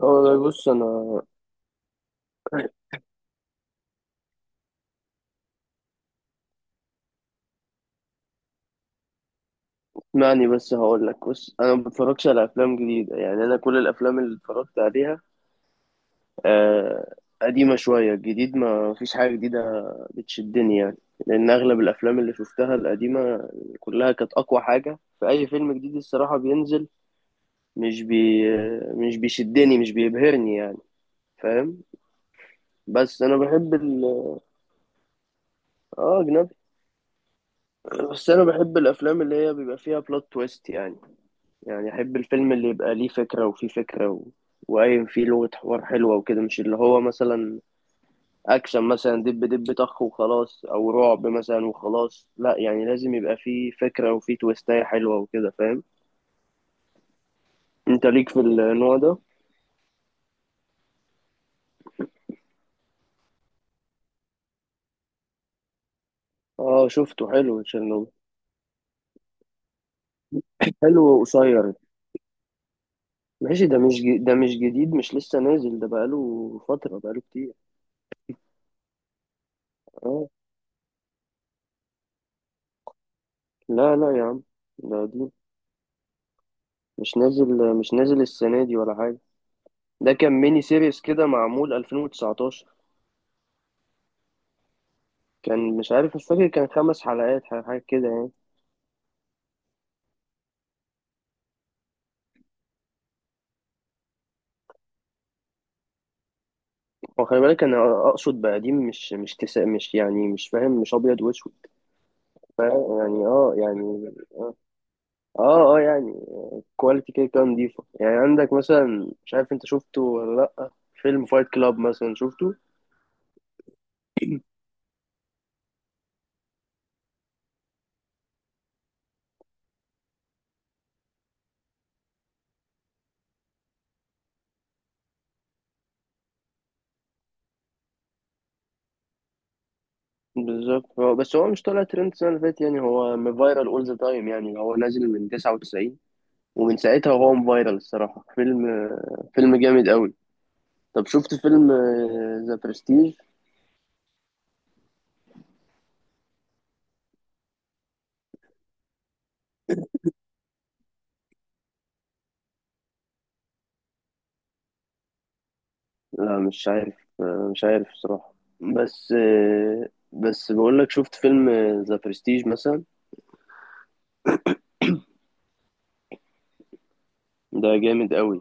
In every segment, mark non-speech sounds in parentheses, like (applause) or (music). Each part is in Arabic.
والله بص انا اسمعني بس هقول لك. بص انا ما بتفرجش على افلام جديده، يعني انا كل الافلام اللي اتفرجت عليها آه قديمه شويه، جديد ما فيش حاجه جديده بتشدني، يعني لان اغلب الافلام اللي شفتها القديمه كلها كانت اقوى حاجه، فاي فيلم جديد الصراحه بينزل مش بي مش بيشدني مش بيبهرني، يعني فاهم. بس انا بحب ال... اه اجنبي. بس انا بحب الافلام اللي هي بيبقى فيها بلوت تويست، يعني يعني احب الفيلم اللي يبقى ليه فكرة وفيه فكرة وقايم فيه لغة حوار حلوة وكده، مش اللي هو مثلا اكشن مثلا دب دب طخ وخلاص، او رعب مثلا وخلاص، لا يعني لازم يبقى فيه فكرة وفيه تويستاية حلوة وكده فاهم. انت ليك في النوع ده؟ اه شفته، حلو تشيرنوبل، حلو وقصير. ماشي، ده مش جديد، مش لسه نازل، ده بقاله فترة بقاله كتير. اه، لا لا يا عم، ده دي مش نازل مش نازل السنة دي ولا حاجة. ده كان ميني سيريس كده معمول 2019، كان مش عارف مش فاكر كان 5 حلقات حاجة كده، يعني هو خلي بالك أنا أقصد بقديم مش يعني مش فاهم مش أبيض وأسود. فا- يعني أه يعني أه أه يعني كواليتي كده كان نضيفة. يعني عندك مثلا مش عارف أنت شفته ولا لأ، فيلم فايت كلاب مثلا شفته. بالظبط، هو بس هو مش طالع ترند السنة اللي فاتت، يعني هو فايرال أول ذا تايم، يعني هو نازل من 99 ومن ساعتها وهو فايرال الصراحة. فيلم جامد أوي. طب شفت فيلم ذا برستيج؟ لا مش عارف، مش عارف الصراحة. بس بس بقول لك شفت فيلم ذا برستيج مثلا، ده جامد قوي.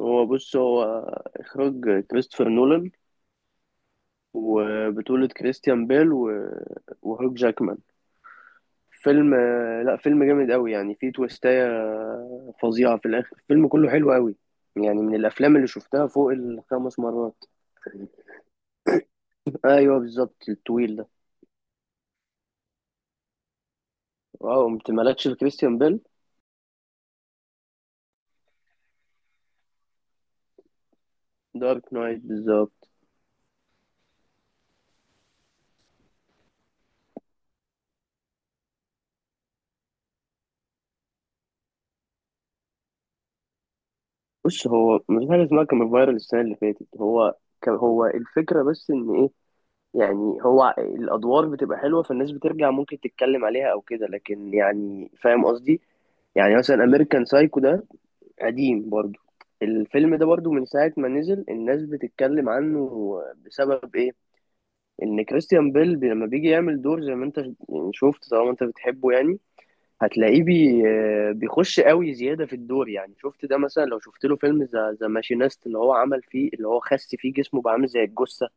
هو اخراج كريستوفر نولان وبطولة كريستيان بيل وهوك جاكمان. فيلم آه، لا فيلم جامد قوي، يعني فيه تويستاية فظيعة في الآخر، الفيلم كله حلو قوي، يعني من الأفلام اللي شفتها فوق الخمس مرات. أيوه بالظبط الطويل ده. واو أنت مالكش في كريستيان بيل. دارك نايت بالظبط. بص هو مفيش حاجة اسمها كان فايرال السنة اللي فاتت، هو كان هو الفكرة، بس إن إيه، يعني هو الأدوار بتبقى حلوة فالناس بترجع ممكن تتكلم عليها أو كده، لكن يعني فاهم قصدي. يعني مثلا أمريكان سايكو ده قديم برضو، الفيلم ده برضو من ساعة ما نزل الناس بتتكلم عنه. بسبب إيه؟ إن كريستيان بيل لما بيجي يعمل دور، زي ما أنت يعني شفت، طالما أنت بتحبه، يعني هتلاقيه بيخش قوي زيادة في الدور. يعني شفت ده، مثلا لو شفت له فيلم ذا ماشينيست اللي هو عمل فيه، اللي هو خس فيه جسمه بقى عامل زي الجثة.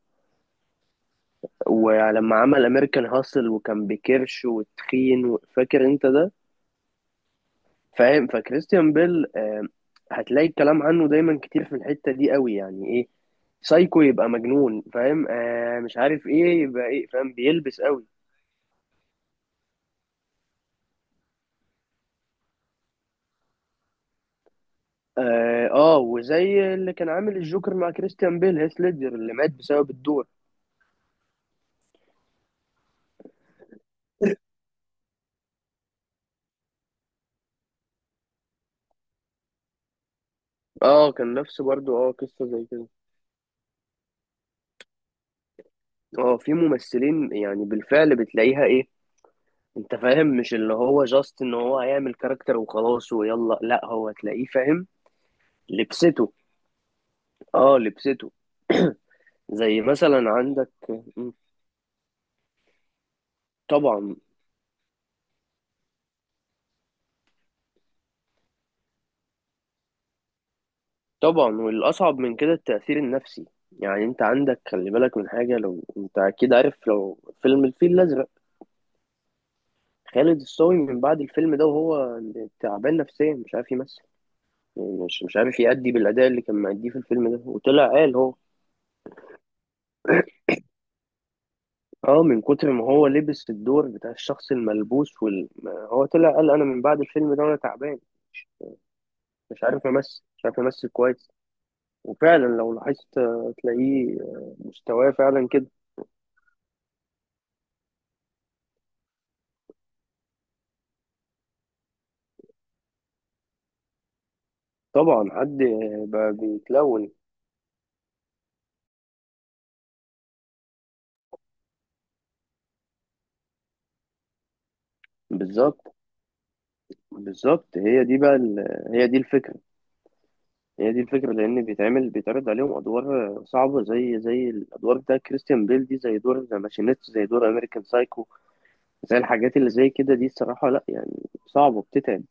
ولما عمل امريكان هاسل وكان بكرش وتخين فاكر انت ده؟ فاهم، فكريستيان بيل هتلاقي الكلام عنه دايما كتير في الحتة دي قوي، يعني ايه سايكو يبقى مجنون فاهم مش عارف ايه يبقى ايه فاهم بيلبس قوي. اه، وزي اللي كان عامل الجوكر مع كريستيان بيل هيث ليدجر اللي مات بسبب الدور. اه كان نفس برضو، اه قصة زي كده. اه في ممثلين يعني بالفعل بتلاقيها ايه، انت فاهم مش اللي هو جاست ان هو هيعمل كاركتر وخلاص ويلا، لا هو تلاقيه فاهم لبسته، اه لبسته. زي مثلا عندك. م، طبعا. طبعا والاصعب من كده التأثير النفسي، يعني انت عندك خلي بالك من حاجة، لو انت اكيد عارف لو فيلم الفيل الازرق، خالد الصاوي من بعد الفيلم ده وهو تعبان نفسيا مش عارف يمثل، مش عارف يأدي بالأداء اللي كان مأديه في الفيلم ده، وطلع قال هو اه من كتر ما هو لبس الدور بتاع الشخص الملبوس وال... ما- هو طلع قال انا من بعد الفيلم ده وانا تعبان مش عارف امثل مش عارف امثل كويس. وفعلا لو لاحظت تلاقيه مستواه فعلا كده. طبعا حد بقى بيتلون. بالظبط. بالظبط هي دي الفكرة، هي دي الفكرة، لأن بيتعمل بيتعرض عليهم أدوار صعبة، زي الأدوار بتاع كريستيان بيل دي، زي دور ذا ماشينيست، زي دور أمريكان سايكو، زي الحاجات اللي زي كده دي الصراحة، لا يعني صعبة بتتعب.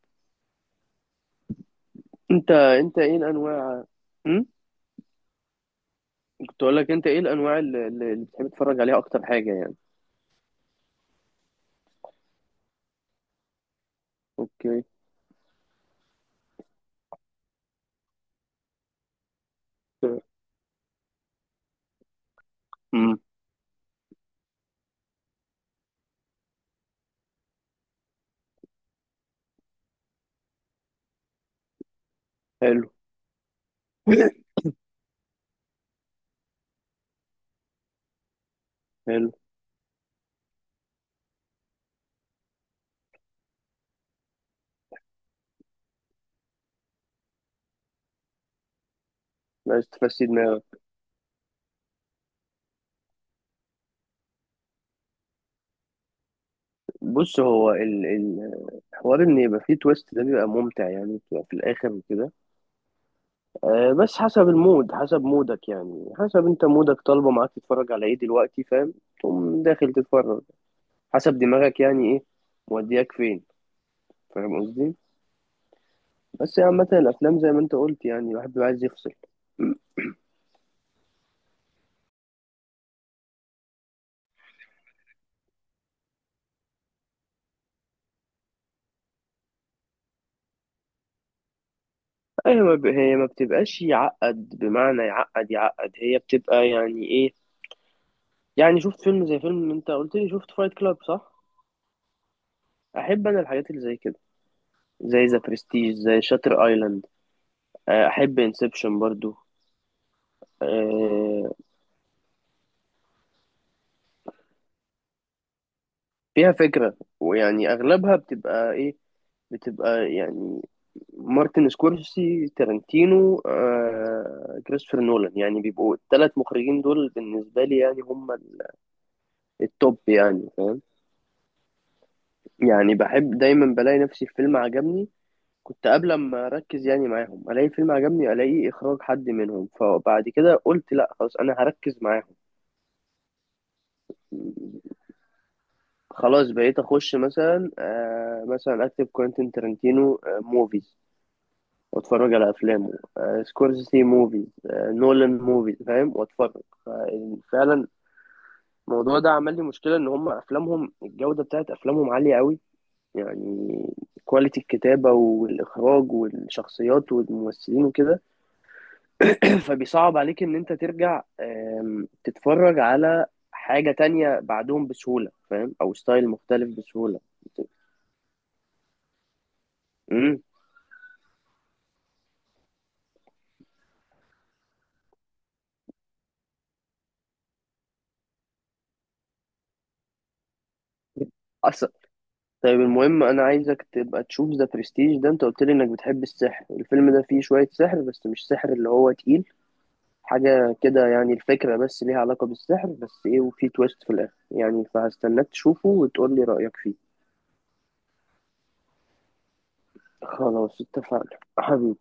انت ايه الانواع؟ امم كنت اقول لك انت ايه الانواع اللي بتحب تتفرج عليها اكتر حاجة يعني. اوكي. امم حلو. حلو، عايز تفسي دماغك. بص هو ال- ال- الحوار ان يبقى فيه تويست ده بيبقى ممتع، يعني بتبقى في الاخر وكده. بس حسب المود، حسب مودك، يعني حسب انت مودك طالبه معاك تتفرج على ايه دلوقتي، فاهم، تقوم داخل تتفرج حسب دماغك يعني ايه مودياك فين، فاهم قصدي؟ بس يعني عامة الأفلام زي ما أنت قلت يعني الواحد بيبقى عايز يفصل. هي ما بتبقاش يعقد بمعنى يعقد يعقد، هي بتبقى يعني إيه، يعني شفت فيلم زي فيلم أنت قلت لي شفت فايت كلاب صح؟ أحب أنا الحاجات اللي زي كده، زي ذا برستيج زي شاتر أيلاند. أحب انسبشن برضو. أه... فيها فكرة، ويعني أغلبها بتبقى إيه، بتبقى يعني مارتن سكورسي تارنتينو كريستوفر نولان، يعني بيبقوا الثلاث مخرجين دول بالنسبة لي، يعني هم التوب يعني فاهم. يعني بحب دايما بلاقي نفسي في فيلم عجبني، كنت قبل ما اركز يعني معاهم الاقي فيلم عجبني الاقي اخراج حد منهم، فبعد كده قلت لا خلاص انا هركز معاهم. خلاص بقيت اخش مثلا آه مثلا اكتب كوينتين ترنتينو موفيز واتفرج على افلامه، سكورسيزي موفيز نولان موفيز فاهم، واتفرج فعلا الموضوع ده عمل لي مشكله، ان هم افلامهم الجوده بتاعت افلامهم عاليه قوي، يعني كواليتي الكتابة والإخراج والشخصيات والممثلين وكده (clears throat) فبيصعب عليك إن أنت ترجع تتفرج على حاجة تانية بعدهم بسهولة فاهم، أو ستايل مختلف بسهولة. امم أصلا. طيب المهم أنا عايزك تبقى تشوف ذا برستيج ده، أنت قلت لي إنك بتحب السحر، الفيلم ده فيه شوية سحر بس مش سحر اللي هو تقيل حاجة كده، يعني الفكرة بس ليها علاقة بالسحر بس إيه، وفيه تويست في الآخر، يعني فهستناك تشوفه وتقول لي رأيك فيه. خلاص اتفقنا حبيبي.